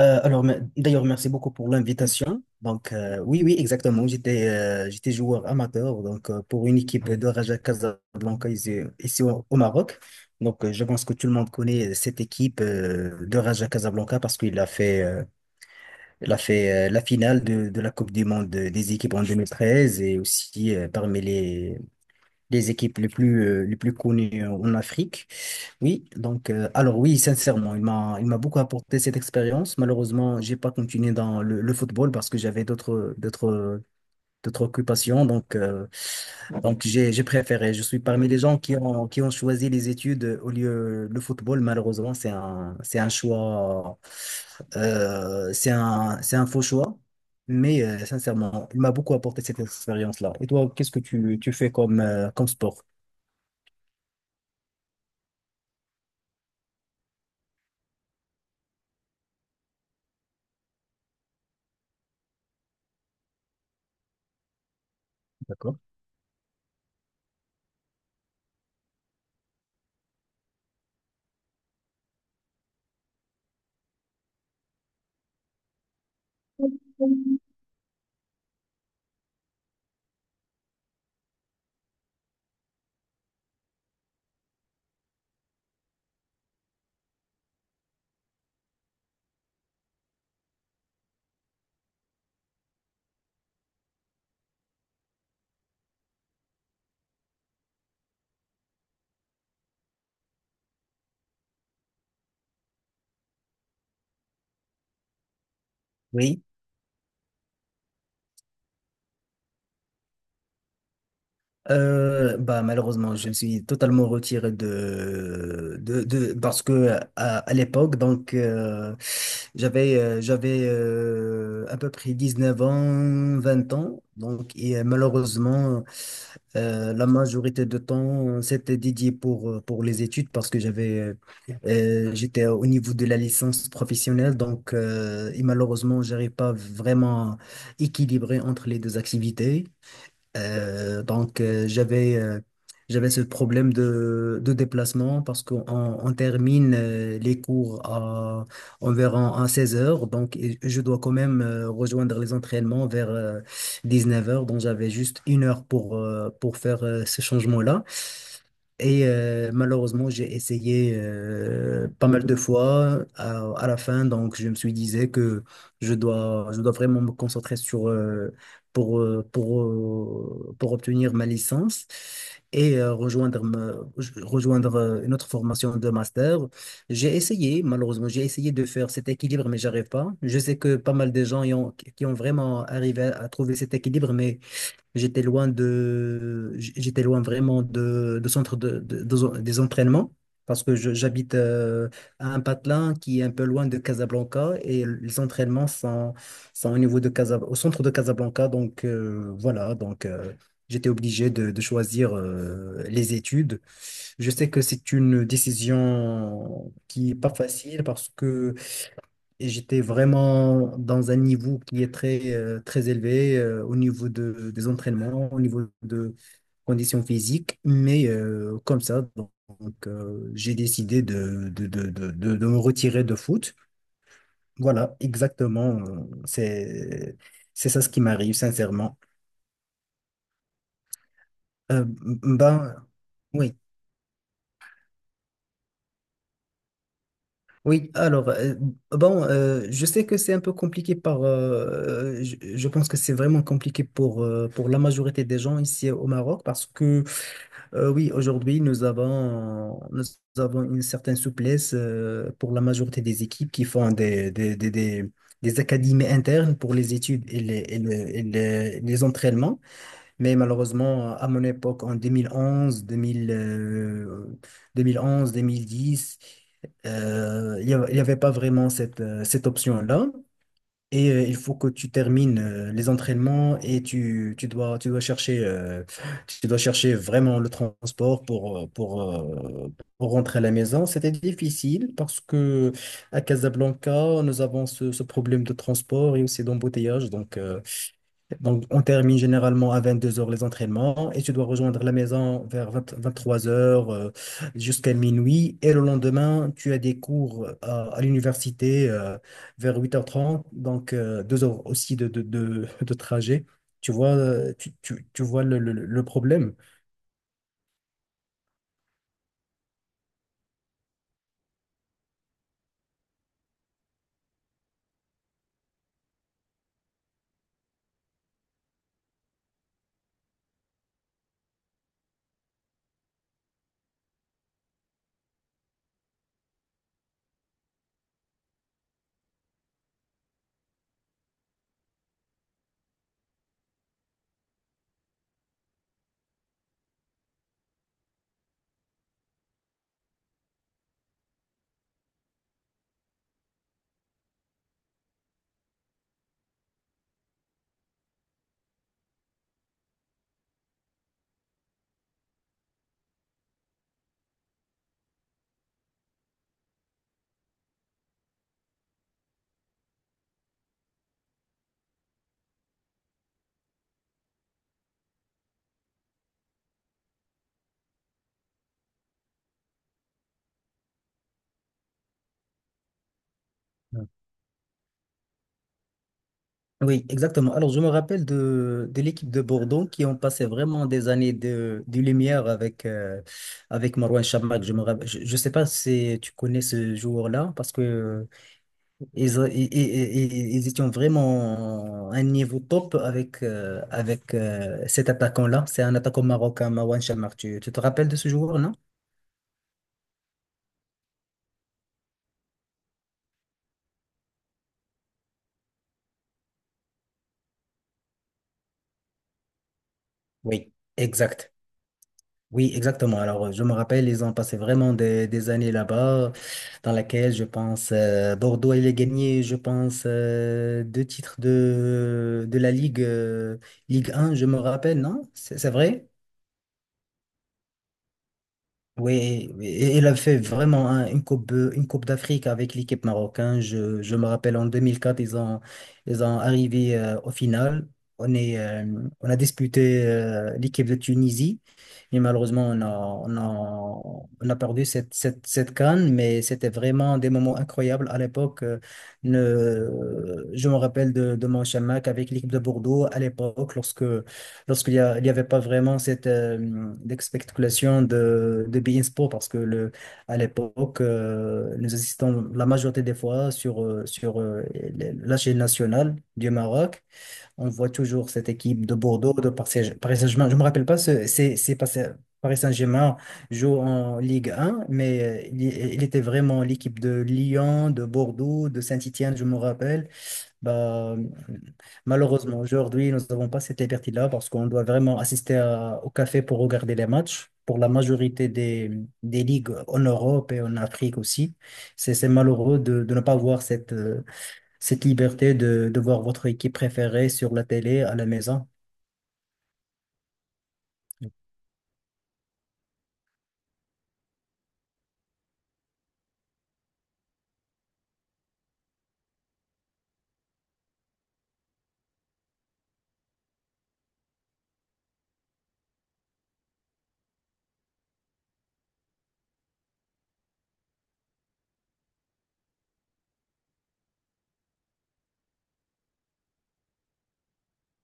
Alors, d'ailleurs, merci beaucoup pour l'invitation. Donc, oui, oui, exactement. J'étais joueur amateur donc, pour une équipe de Raja Casablanca ici au Maroc. Donc, je pense que tout le monde connaît cette équipe de Raja Casablanca parce qu'il a fait, il a fait la finale de la Coupe du Monde des équipes en 2013 et aussi des équipes les plus connues en Afrique. Oui, donc, alors oui, sincèrement, il m'a beaucoup apporté cette expérience. Malheureusement, j'ai pas continué dans le football parce que j'avais d'autres occupations. Donc j'ai préféré. Je suis parmi les gens qui ont choisi les études au lieu le football. Malheureusement, c'est un choix, c'est un faux choix. Mais sincèrement, il m'a beaucoup apporté cette expérience-là. Et toi, qu'est-ce que tu fais comme, comme sport? D'accord. Oui. Bah, malheureusement je me suis totalement retiré de parce que à l'époque donc j'avais à peu près 19 ans 20 ans donc et malheureusement la majorité de temps c'était dédié pour pour les études parce que j'étais au niveau de la licence professionnelle donc et malheureusement j'arrive pas vraiment à équilibrer entre les deux activités. Donc, j'avais ce problème de déplacement parce qu'on termine les cours à environ à 16 heures. Donc, et je dois quand même rejoindre les entraînements vers 19 heures. Donc, j'avais juste une heure pour faire ce changement-là. Et malheureusement, j'ai essayé pas mal de fois. À la fin, donc, je me suis disais que je dois vraiment me concentrer sur pour obtenir ma licence et rejoindre une autre formation de master. J'ai essayé, malheureusement, j'ai essayé de faire cet équilibre, mais j'arrive pas. Je sais que pas mal de gens qui ont vraiment arrivé à trouver cet équilibre, mais j'étais loin vraiment de centre des entraînements parce que j'habite à un patelin qui est un peu loin de Casablanca et les entraînements sont au niveau de Casa, au centre de Casablanca. Donc, voilà, donc, j'étais obligé de choisir les études. Je sais que c'est une décision qui est pas facile parce que et j'étais vraiment dans un niveau qui est très élevé au niveau des entraînements, au niveau de conditions physiques. Mais comme ça, donc, j'ai décidé de me retirer de foot. Voilà, exactement. C'est, c'est ça ce qui m'arrive, sincèrement. Euh, ben, oui. Oui, alors, bon, je sais que c'est un peu compliqué je pense que c'est vraiment compliqué pour la majorité des gens ici au Maroc parce que, oui, aujourd'hui, nous avons une certaine souplesse, pour la majorité des équipes qui font des académies internes pour les études et les entraînements. Mais malheureusement, à mon époque, en 2011, 2010, il y avait pas vraiment cette option-là. Et il faut que tu termines les entraînements et tu dois chercher vraiment le transport pour rentrer à la maison. C'était difficile parce que à Casablanca, nous avons ce problème de transport et aussi d'embouteillage. Donc, on termine généralement à 22 heures les entraînements et tu dois rejoindre la maison vers 23h jusqu'à minuit. Et le lendemain, tu as des cours à l'université vers 8h30, donc 2 heures aussi de trajet. Tu vois, tu vois le problème. Oui, exactement. Alors, je me rappelle de l'équipe de Bordeaux qui ont passé vraiment des années de lumière avec Marouane Chamakh. Je me rappelle, je sais pas si tu connais ce joueur-là parce que ils, ils étaient vraiment à un niveau top avec cet attaquant-là. C'est un attaquant marocain, Marouane Chamakh. Tu te rappelles de ce joueur, non? Oui, exact. Oui, exactement. Alors, je me rappelle, ils ont passé vraiment des années là-bas, dans laquelle, je pense, Bordeaux, il a gagné, je pense, deux titres de la Ligue 1, je me rappelle, non? C'est vrai? Oui, et il a fait vraiment une coupe d'Afrique avec l'équipe marocaine. Je me rappelle en 2004, ils ont arrivé au final. On est, euh, on a disputé l'équipe de Tunisie et malheureusement, on a perdu cette CAN, mais c'était vraiment des moments incroyables à l'époque. Je me rappelle de mon chamac avec l'équipe de Bordeaux à l'époque lorsque lorsqu'il y a- il y avait pas vraiment cette expectation de beIN Sport, parce que le, à l'époque, nous assistons la majorité des fois sur la chaîne nationale du Maroc. On voit toujours cette équipe de Bordeaux, de Paris Saint-Germain. Je me rappelle pas, c'est pas Paris Saint-Germain joue en Ligue 1, mais il était vraiment l'équipe de Lyon, de Bordeaux, de Saint-Étienne, je me rappelle. Bah, malheureusement, aujourd'hui, nous n'avons pas cette liberté-là parce qu'on doit vraiment assister au café pour regarder les matchs. Pour la majorité des ligues en Europe et en Afrique aussi, c'est malheureux de ne pas avoir cette liberté de voir votre équipe préférée sur la télé à la maison.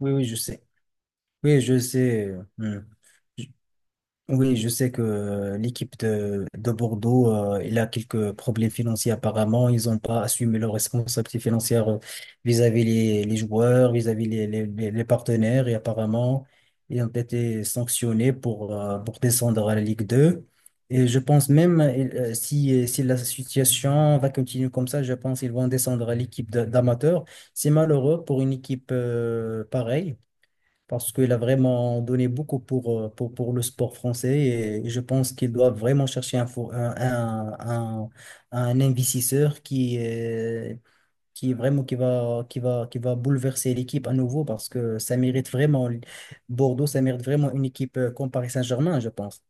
Oui, oui, je sais. Oui, je sais. Hmm. Oui, je sais que l'équipe de Bordeaux, il a quelques problèmes financiers apparemment. Ils n'ont pas assumé leurs responsabilités financières, vis-à-vis les joueurs, vis-à-vis les partenaires. Et apparemment, ils ont été sanctionnés pour descendre à la Ligue 2. Et je pense même, si la situation va continuer comme ça, je pense qu'ils vont descendre à l'équipe d'amateurs. C'est malheureux pour une équipe pareille parce qu'il a vraiment donné beaucoup pour le sport français et je pense qu'il doit vraiment chercher un, fo- un- un investisseur qui vraiment qui va bouleverser l'équipe à nouveau parce que ça mérite vraiment Bordeaux, ça mérite vraiment une équipe comme Paris Saint-Germain, je pense.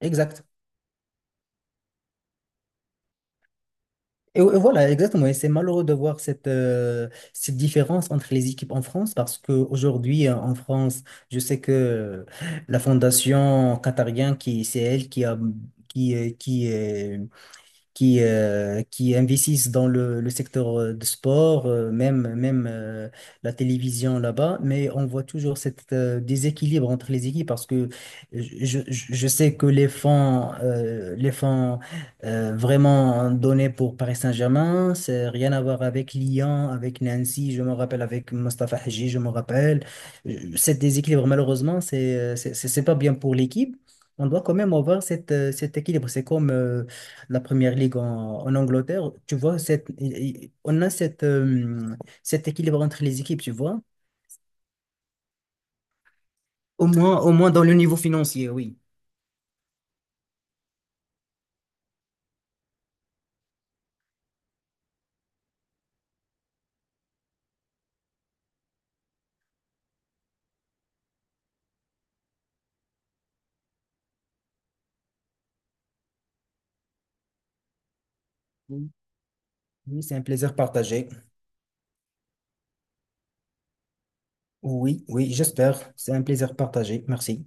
Exact. Et voilà, exactement. Et c'est malheureux de voir cette différence entre les équipes en France parce qu'aujourd'hui, en France, je sais que la fondation qatarienne, qui, c'est elle qui a, qui, qui investissent dans le secteur de sport, même la télévision là-bas, mais on voit toujours cette déséquilibre entre les équipes parce que je sais que les fonds vraiment donnés pour Paris Saint-Germain, c'est rien à voir avec Lyon, avec Nancy, je me rappelle avec Mostafa Hadji, je me rappelle. Cet déséquilibre, malheureusement, c'est pas bien pour l'équipe. On doit quand même avoir cet équilibre. C'est comme la première ligue en Angleterre, tu vois, on a cet équilibre entre les équipes, tu vois, au moins dans le niveau financier, oui. Oui, oui, c'est un plaisir partagé. Oui, oui, j'espère. C'est un plaisir partagé. Merci.